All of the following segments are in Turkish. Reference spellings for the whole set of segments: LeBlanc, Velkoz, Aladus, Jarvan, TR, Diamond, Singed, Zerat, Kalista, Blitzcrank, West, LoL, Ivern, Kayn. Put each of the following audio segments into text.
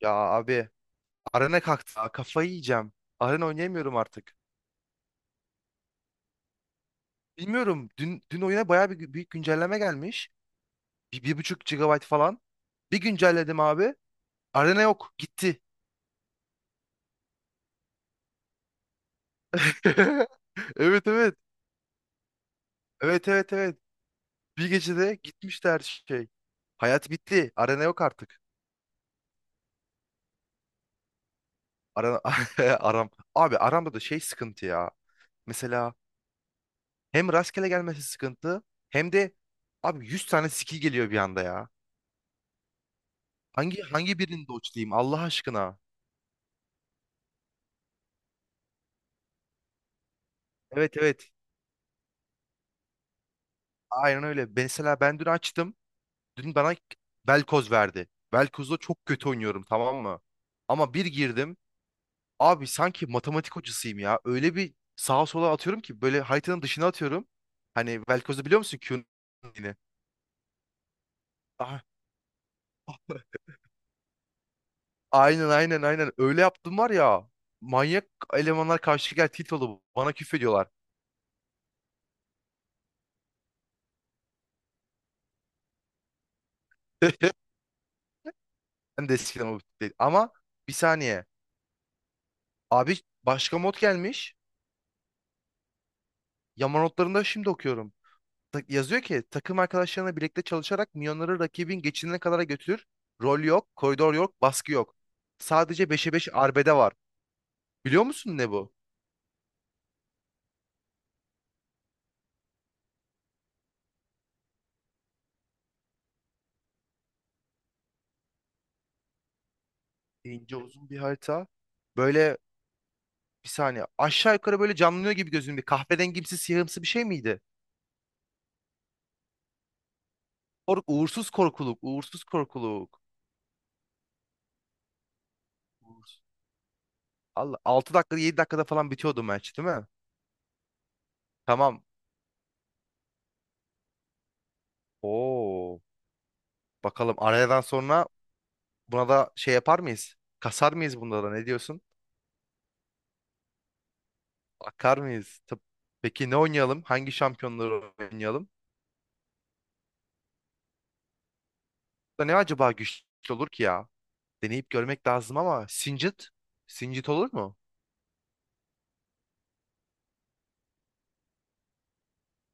Ya abi arena kalktı. Ha, kafayı yiyeceğim. Arena oynayamıyorum artık. Bilmiyorum. Dün oyuna bayağı bir büyük güncelleme gelmiş. Bir buçuk gigabyte falan. Bir güncelledim abi. Arena yok. Gitti. Evet evet. Evet evet evet. Bir gecede gitmişti her şey. Hayat bitti. Arena yok artık. Arana, aram. Abi aramda da şey sıkıntı ya. Mesela hem rastgele gelmesi sıkıntı hem de abi 100 tane skill geliyor bir anda ya. Hangi birini dodge'layayım Allah aşkına? Evet evet. Aynen öyle. Mesela ben dün açtım. Dün bana Velkoz verdi. Velkoz'da çok kötü oynuyorum, tamam mı? Ama bir girdim. Abi sanki matematik hocasıyım ya. Öyle bir sağa sola atıyorum ki böyle haritanın dışına atıyorum. Hani Velkoz'u biliyor musun Q'nun yine? Ah, aynen aynen aynen. Öyle yaptım var ya. Manyak elemanlar karşı gel tilt oldu. Bana küfrediyorlar. Ben de eskiden o değil. Ama bir saniye. Abi başka mod gelmiş. Yama notlarında şimdi okuyorum. Yazıyor ki takım arkadaşlarına birlikte çalışarak milyonları rakibin geçidine kadar götürür. Rol yok, koridor yok, baskı yok. Sadece beşe 5 arbede var. Biliyor musun ne bu? İnce uzun bir harita. Böyle bir saniye aşağı yukarı böyle canlanıyor gibi gözümde. Bir kahverengimsi siyahımsı bir şey miydi? Uğursuz korkuluk, uğursuz korkuluk. Uğursuz. Allah 6 dakikada 7 dakikada falan bitiyordu maç, değil mi? Tamam. Oo. Bakalım arayadan sonra buna da şey yapar mıyız? Kasar mıyız bunda da, ne diyorsun? Akar mıyız? Peki ne oynayalım? Hangi şampiyonları oynayalım? Da ne acaba güçlü olur ki ya? Deneyip görmek lazım ama Singed? Singed olur mu?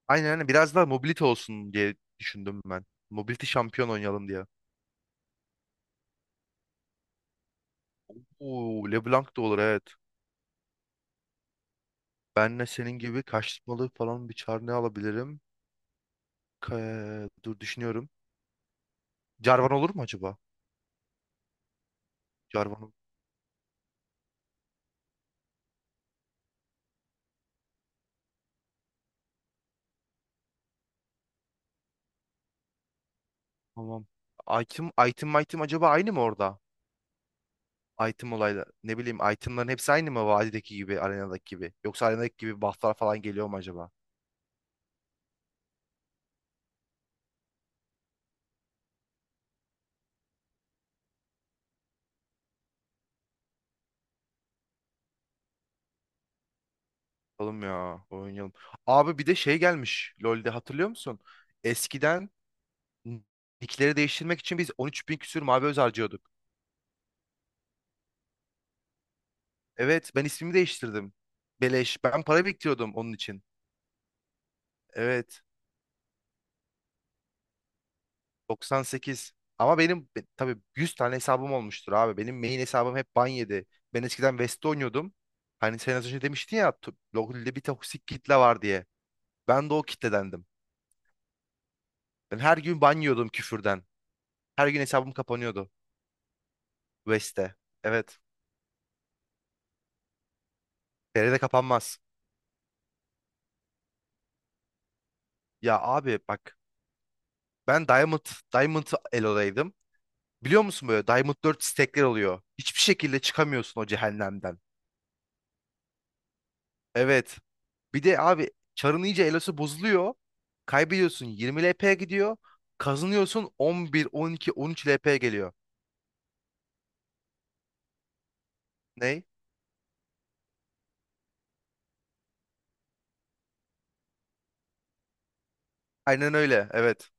Aynen aynen, biraz daha mobility olsun diye düşündüm ben. Mobility şampiyon oynayalım diye. Oo, LeBlanc da olur, evet. Benle senin gibi kaçmalı falan bir çar ne alabilirim? Dur düşünüyorum. Jarvan olur mu acaba? Jarvan olur. Tamam. Item acaba aynı mı orada? Item olayla ne bileyim, itemların hepsi aynı mı, vadideki gibi, arenadaki gibi? Yoksa arenadaki gibi bufflar falan geliyor mu acaba? Oğlum ya oynayalım. Abi bir de şey gelmiş LoL'de, hatırlıyor musun? Eskiden nickleri değiştirmek için biz 13 bin küsür mavi öz harcıyorduk. Evet, ben ismimi değiştirdim. Beleş, ben para biriktiriyordum onun için. Evet, 98. Ama benim tabii 100 tane hesabım olmuştur abi. Benim main hesabım hep ban yedi. Ben eskiden West'te oynuyordum. Hani sen az önce demiştin ya LoL'de bir toksik kitle var diye. Ben de o kitledendim. Ben her gün ban yiyordum küfürden. Her gün hesabım kapanıyordu. West'te. Evet. TR'de kapanmaz. Ya abi bak. Ben Diamond, Diamond Elo'daydım. Biliyor musun, böyle Diamond 4 stack'ler oluyor. Hiçbir şekilde çıkamıyorsun o cehennemden. Evet. Bir de abi çarın iyice elosu bozuluyor. Kaybediyorsun 20 LP'ye gidiyor. Kazanıyorsun 11, 12, 13 LP'ye geliyor. Ne? Aynen öyle. Evet.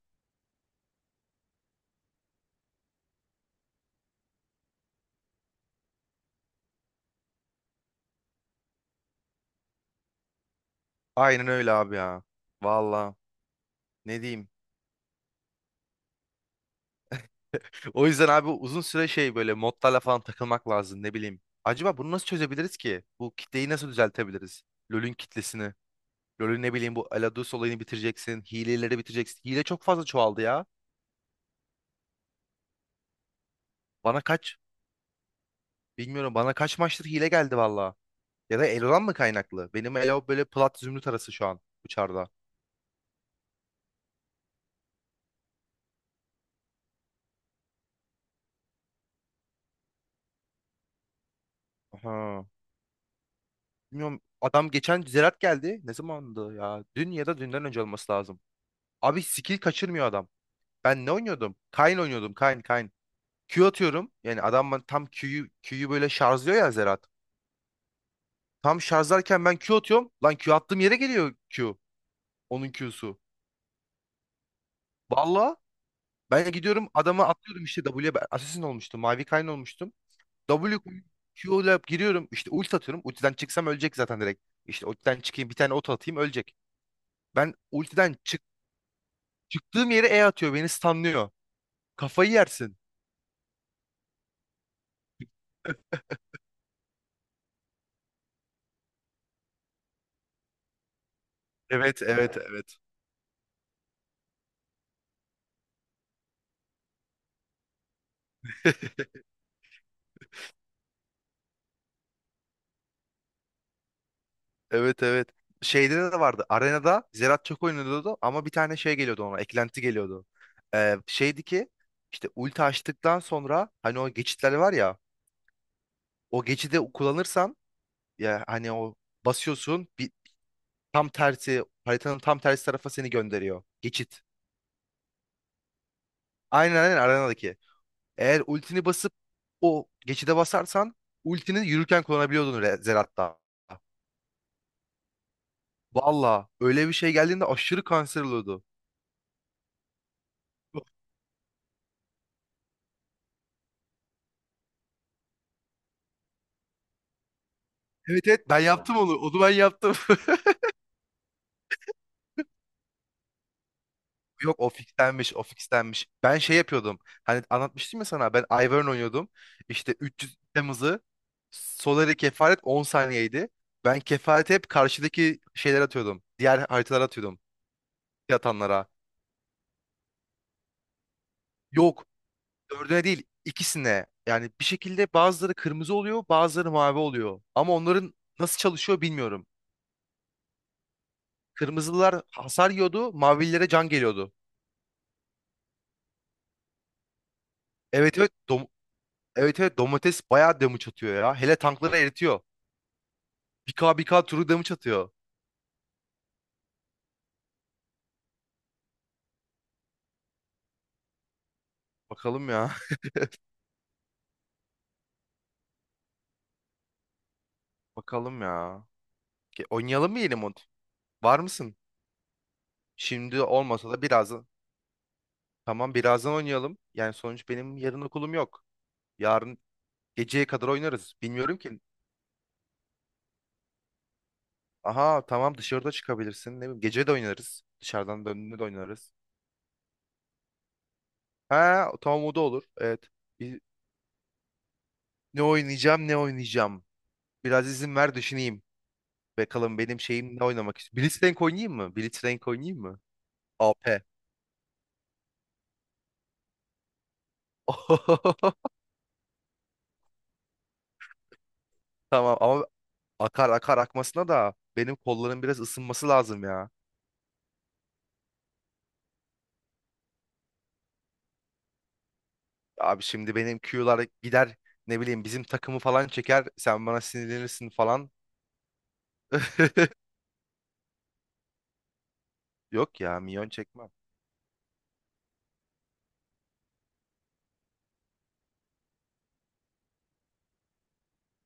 Aynen öyle abi ya. Valla. Ne diyeyim? O yüzden abi uzun süre şey böyle modlarla falan takılmak lazım, ne bileyim. Acaba bunu nasıl çözebiliriz ki? Bu kitleyi nasıl düzeltebiliriz? LoL'ün kitlesini. LoL'ün ne bileyim, bu Aladus olayını bitireceksin. Hileleri bitireceksin. Hile çok fazla çoğaldı ya. Bana kaç? Bilmiyorum, bana kaç maçtır hile geldi valla. Ya da Elo'dan mı kaynaklı? Benim Elo böyle plat zümrüt arası şu an uçarda. Aha. Bilmiyorum, adam geçen Zerat geldi. Ne zamandı ya? Dün ya da dünden önce olması lazım. Abi skill kaçırmıyor adam. Ben ne oynuyordum? Kayn oynuyordum. Kayn Kayn. Q atıyorum. Yani adam, ben tam Q'yu Q'yu böyle şarjlıyor ya Zerat. Tam şarjlarken ben Q atıyorum. Lan Q attığım yere geliyor Q. Onun Q'su. Valla ben gidiyorum adama atıyorum işte W'ye. Ben Assassin olmuştum. Mavi Kayn olmuştum. W koyup Q ile giriyorum. İşte ulti atıyorum. Ultiden çıksam ölecek zaten direkt. İşte ultiden çıkayım bir tane ot atayım, ölecek. Ben ultiden çıktığım yere E atıyor. Beni stunlıyor. Kafayı yersin. Evet evet evet. Evet evet. Şeyde de vardı. Arenada Zerat çok oynuyordu ama bir tane şey geliyordu ona. Eklenti geliyordu. Şeydi ki işte ulti açtıktan sonra hani o geçitler var ya o geçidi kullanırsan ya hani o basıyorsun bir tam tersi, haritanın tam tersi tarafa seni gönderiyor. Geçit. Aynen aynen arenadaki. Eğer ultini basıp o geçide basarsan ultini yürürken kullanabiliyordun Zerat'ta. Valla öyle bir şey geldiğinde aşırı kanser oluyordu. Evet evet, ben yaptım onu. Onu ben yaptım. Yok, o fixlenmiş, o fixlenmiş. Ben şey yapıyordum. Hani anlatmıştım ya sana. Ben Ivern oynuyordum. İşte 300 Temmuz'u Solary kefaret 10 saniyeydi. Ben kefareti hep karşıdaki şeyler atıyordum. Diğer haritalara atıyordum. Yatanlara. Yok. Dördüne değil. İkisine. Yani bir şekilde bazıları kırmızı oluyor, bazıları mavi oluyor. Ama onların nasıl çalışıyor bilmiyorum. Kırmızılar hasar yiyordu, mavililere can geliyordu. Evet evet evet evet domates bayağı damage atıyor ya. Hele tankları eritiyor. 1K 1K turu damage atıyor. Bakalım ya. Bakalım ya. Oynayalım mı yeni mod? Var mısın? Şimdi olmasa da birazdan. Tamam, birazdan oynayalım. Yani sonuç benim yarın okulum yok. Yarın geceye kadar oynarız. Bilmiyorum ki. Aha, tamam, dışarıda çıkabilirsin. Ne bileyim, gece de oynarız. Dışarıdan döndüğünde de oynarız. Ha tamam, o da olur. Evet. Bir- Ne oynayacağım, ne oynayacağım. Biraz izin ver düşüneyim. Bakalım benim şeyim, ne oynamak istiyorum. Blitzcrank oynayayım mı? Blitzcrank oynayayım mı? AP. Tamam ama akar, akar akmasına da benim kolların biraz ısınması lazım ya. Abi şimdi benim Q'lar gider, ne bileyim, bizim takımı falan çeker. Sen bana sinirlenirsin falan. Yok ya, minyon çekmem.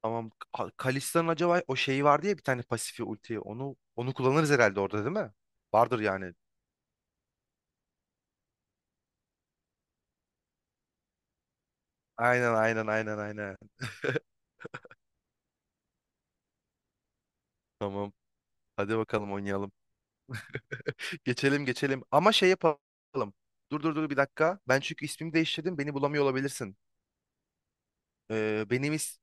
Tamam, Kalista'nın acaba o şeyi vardı ya bir tane pasifi, ulti. Onu kullanırız herhalde orada, değil mi? Vardır yani. Aynen aynen aynen aynen. Tamam. Hadi bakalım oynayalım. Geçelim geçelim. Ama şey yapalım. Dur dur dur, bir dakika. Ben çünkü ismimi değiştirdim. Beni bulamıyor olabilirsin. Benim is...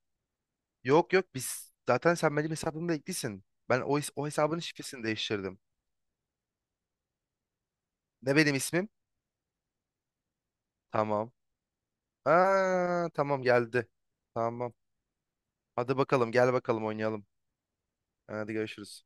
Yok yok biz... Zaten sen benim hesabımda eklisin. Ben o hesabın şifresini değiştirdim. Ne benim ismim? Tamam. Aa, tamam geldi. Tamam. Hadi bakalım, gel bakalım oynayalım. Hadi görüşürüz.